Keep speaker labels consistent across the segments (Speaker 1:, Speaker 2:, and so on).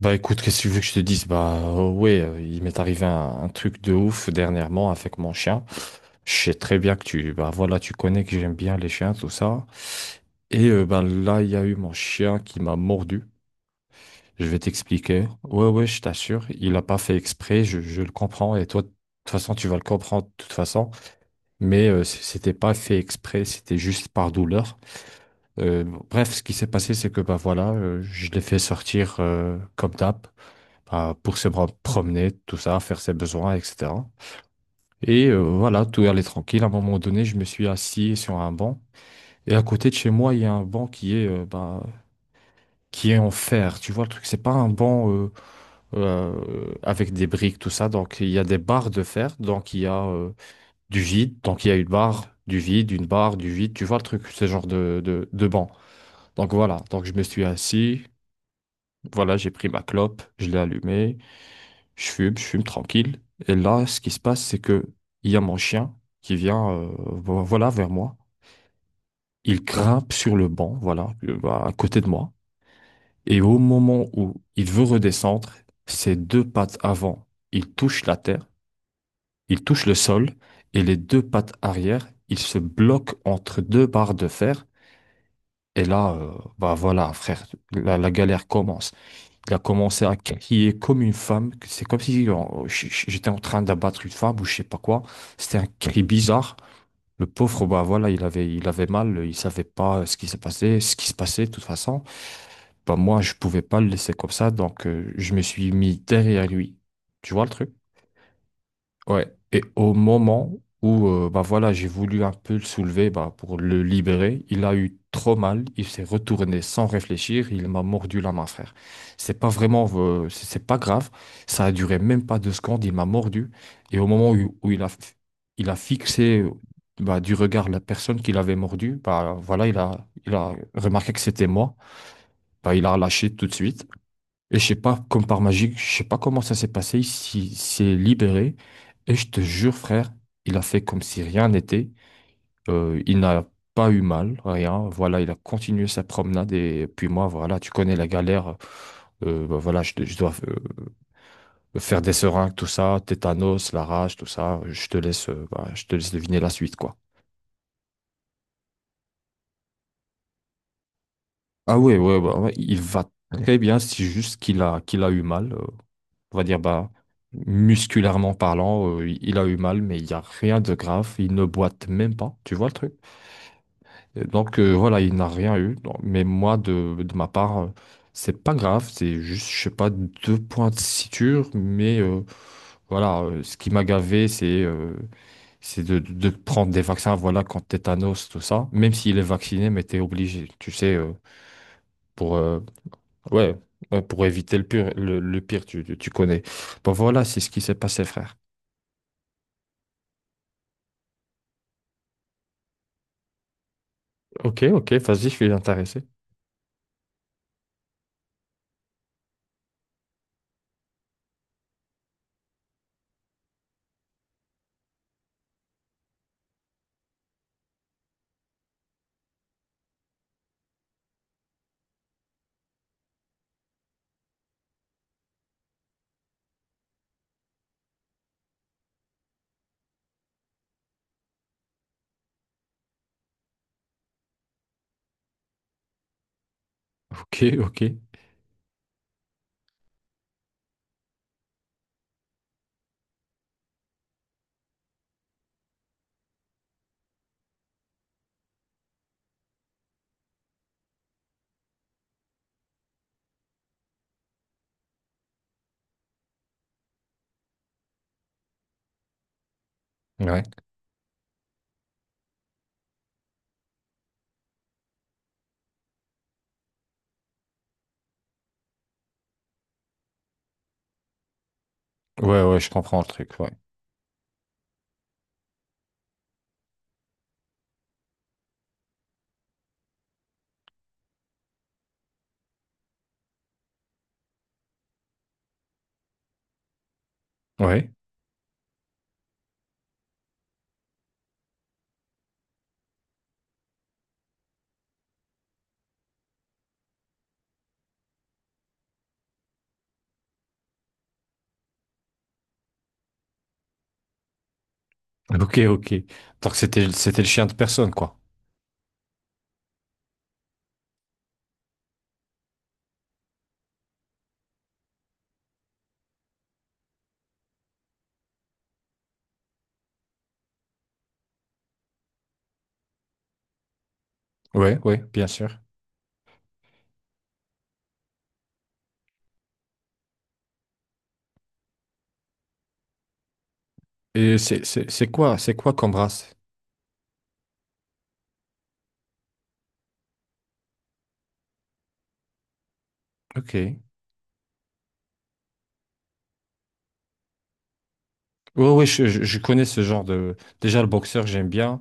Speaker 1: Bah écoute, qu'est-ce que tu veux que je te dise? Bah, ouais, il m'est arrivé un truc de ouf dernièrement avec mon chien. Je sais très bien que bah voilà, tu connais que j'aime bien les chiens, tout ça. Et bah là, il y a eu mon chien qui m'a mordu. Je vais t'expliquer. Ouais, ouais, je t'assure, il a pas fait exprès, je le comprends. Et toi, de toute façon, tu vas le comprendre de toute façon. Mais c'était pas fait exprès, c'était juste par douleur. Euh, bref, ce qui s'est passé, c'est que bah voilà, je l'ai fait sortir comme d'hab. Bah, pour se promener, tout ça, faire ses besoins, etc. Et voilà, tout allait tranquille. À un moment donné, je me suis assis sur un banc. Et à côté de chez moi, il y a un banc qui est, bah, qui est en fer. Tu vois, le truc, c'est pas un banc avec des briques, tout ça. Donc, il y a des barres de fer. Donc, il y a du vide. Donc, il y a une barre, du vide, une barre, du vide. Tu vois le truc, ce genre de banc. Donc, voilà. Donc, je me suis assis. Voilà, j'ai pris ma clope, je l'ai allumée. Je fume tranquille. Et là, ce qui se passe, c'est que il y a mon chien qui vient, voilà, vers moi. Il grimpe sur le banc, voilà, bah, à côté de moi. Et au moment où il veut redescendre, ses deux pattes avant, il touche la terre, il touche le sol, et les deux pattes arrière, il se bloque entre deux barres de fer. Et là, bah voilà, frère, la galère commence. Elle a commencé à crier comme une femme. C'est comme si j'étais en train d'abattre une femme ou je sais pas quoi. C'était un cri bizarre. Le pauvre, bah voilà, il avait mal, il savait pas ce qui s'est passé, ce qui se passait de toute façon. Bah moi, je pouvais pas le laisser comme ça, donc je me suis mis derrière lui. Tu vois le truc? Ouais. Et au moment où bah voilà, j'ai voulu un peu le soulever bah, pour le libérer, il a eu trop mal, il s'est retourné sans réfléchir, il m'a mordu la main, frère. C'est pas vraiment, c'est pas grave, ça a duré même pas 2 secondes, il m'a mordu. Et au moment où il a fixé bah, du regard la personne qu'il avait mordu, bah voilà, il a remarqué que c'était moi, bah, il a lâché tout de suite. Et je sais pas, comme par magie, je sais pas comment ça s'est passé, il s'est libéré. Et je te jure, frère, il a fait comme si rien n'était. Il n'a pas eu mal, rien. Voilà, il a continué sa promenade. Et puis moi, voilà, tu connais la galère. Bah voilà, je dois faire des seringues, tout ça, tétanos, la rage, tout ça. Je te laisse, bah, je te laisse deviner la suite, quoi. Ah ouais, ouais, ouais, ouais, il va très bien, c'est juste qu'il a eu mal. On va dire, bah, musculairement parlant, il a eu mal, mais il n'y a rien de grave. Il ne boite même pas, tu vois le truc? Et donc voilà, il n'a rien eu. Donc, mais moi, de ma part, c'est pas grave, c'est juste, je sais pas, deux points de suture, mais voilà, ce qui m'a gavé, c'est de prendre des vaccins, voilà, contre tétanos, tout ça. Même s'il est vacciné, mais t'es obligé, tu sais, pour, ouais, ouais, pour éviter le pire, le pire, tu connais. Bon, voilà, c'est ce qui s'est passé, frère. Ok, ok, vas-y, je suis intéressé. Ok, ok. Ouais. Ouais, ouais, je comprends le truc, ouais. Ouais. Ok, ok. Donc, c'était le chien de personne, quoi. Ouais, ouais, bien sûr. Et c'est quoi comme race? Ok. Ouais, ouais, je connais ce genre de. Déjà, le boxeur, j'aime bien.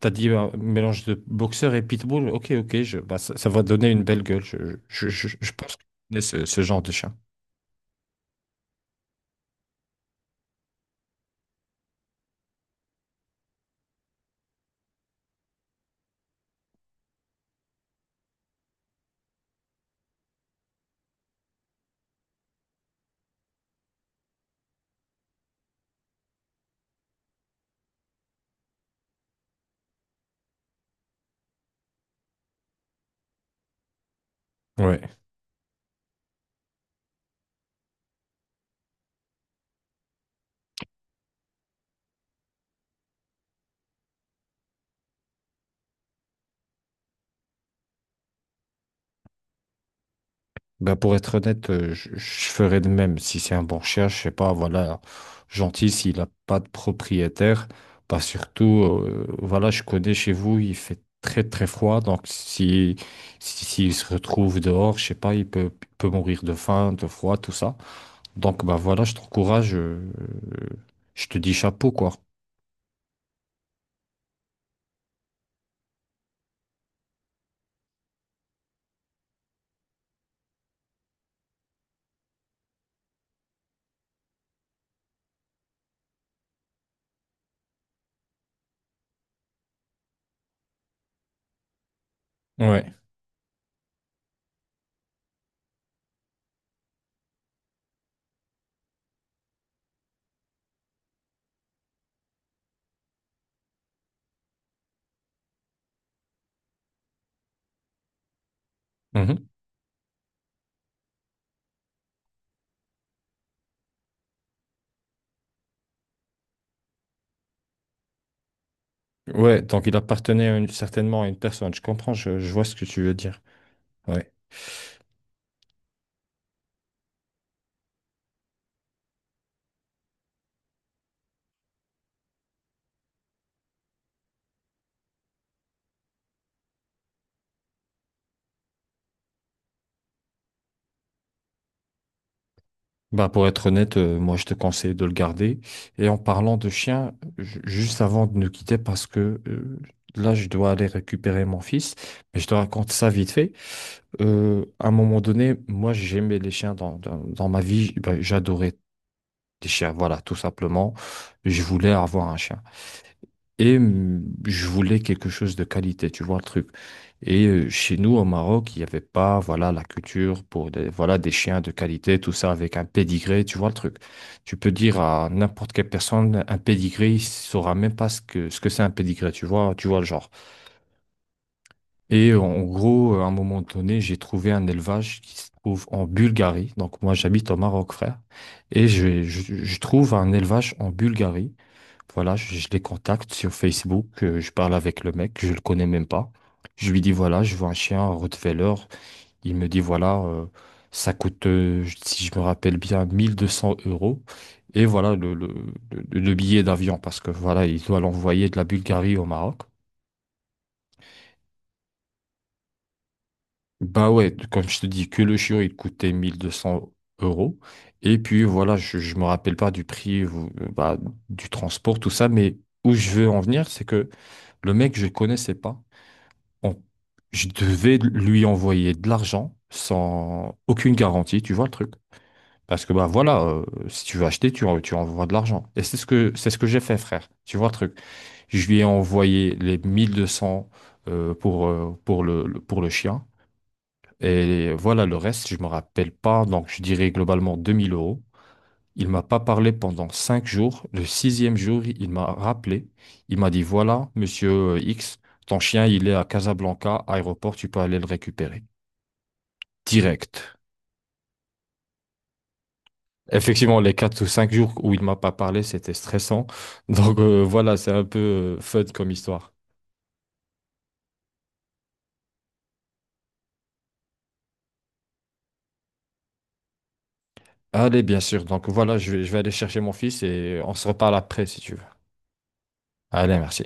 Speaker 1: T'as dit un mélange de boxeur et pitbull. Ok, ok, bah, ça va donner une belle gueule. Je pense que je connais ce genre de chien. Ouais. Bah pour être honnête, je ferais de même. Si c'est un bon chien, je sais pas, voilà, gentil, s'il n'a pas de propriétaire, bah surtout, voilà, je connais chez vous, il fait très très froid, donc s'il se retrouve dehors, je sais pas, il peut mourir de faim, de froid, tout ça. Donc bah voilà, je t'encourage, je te dis chapeau, quoi. Ouais. Mhm. Ouais, donc il appartenait à certainement à une personne, je comprends, je vois ce que tu veux dire. Ouais. Bah pour être honnête, moi je te conseille de le garder. Et en parlant de chien, juste avant de nous quitter, parce que là je dois aller récupérer mon fils, mais je te raconte ça vite fait. À un moment donné, moi j'aimais les chiens dans ma vie, bah, j'adorais les chiens, voilà, tout simplement. Je voulais avoir un chien. Et je voulais quelque chose de qualité, tu vois le truc. Et chez nous, au Maroc, il n'y avait pas, voilà, la culture pour des, voilà, des chiens de qualité, tout ça avec un pédigré, tu vois le truc. Tu peux dire à n'importe quelle personne, un pédigré, il saura même pas ce que, c'est un pédigré, tu vois le genre. Et en gros, à un moment donné, j'ai trouvé un élevage qui se trouve en Bulgarie. Donc moi, j'habite au Maroc, frère. Et je trouve un élevage en Bulgarie voilà, je les contacte sur Facebook, je parle avec le mec, je le connais même pas. Je lui dis, voilà, je vois un chien, un Rottweiler. Il me dit, voilà, ça coûte, si je me rappelle bien, 1 200 euros. Et voilà le billet d'avion, parce que voilà, il doit l'envoyer de la Bulgarie au Maroc. Bah ouais, comme je te dis, que le chiot il coûtait 1 200 euros. Et puis voilà, je me rappelle pas du prix, ou, bah, du transport, tout ça, mais où je veux en venir, c'est que le mec, je le connaissais pas. on- je devais lui envoyer de l'argent sans aucune garantie, tu vois le truc. Parce que bah voilà, si tu veux acheter, tu envoies de l'argent. Et c'est ce que j'ai fait, frère. Tu vois le truc. Je lui ai envoyé les 1200 pour le chien. Et voilà, le reste, je me rappelle pas. Donc, je dirais globalement 2 000 euros. Il m'a pas parlé pendant 5 jours. Le sixième jour, il m'a rappelé. Il m'a dit, voilà, monsieur X, ton chien, il est à Casablanca, aéroport, tu peux aller le récupérer. Direct. Effectivement, les 4 ou 5 jours où il m'a pas parlé, c'était stressant. Donc voilà, c'est un peu fun comme histoire. Allez, bien sûr. Donc voilà, je vais aller chercher mon fils et on se reparle après si tu veux. Allez, merci.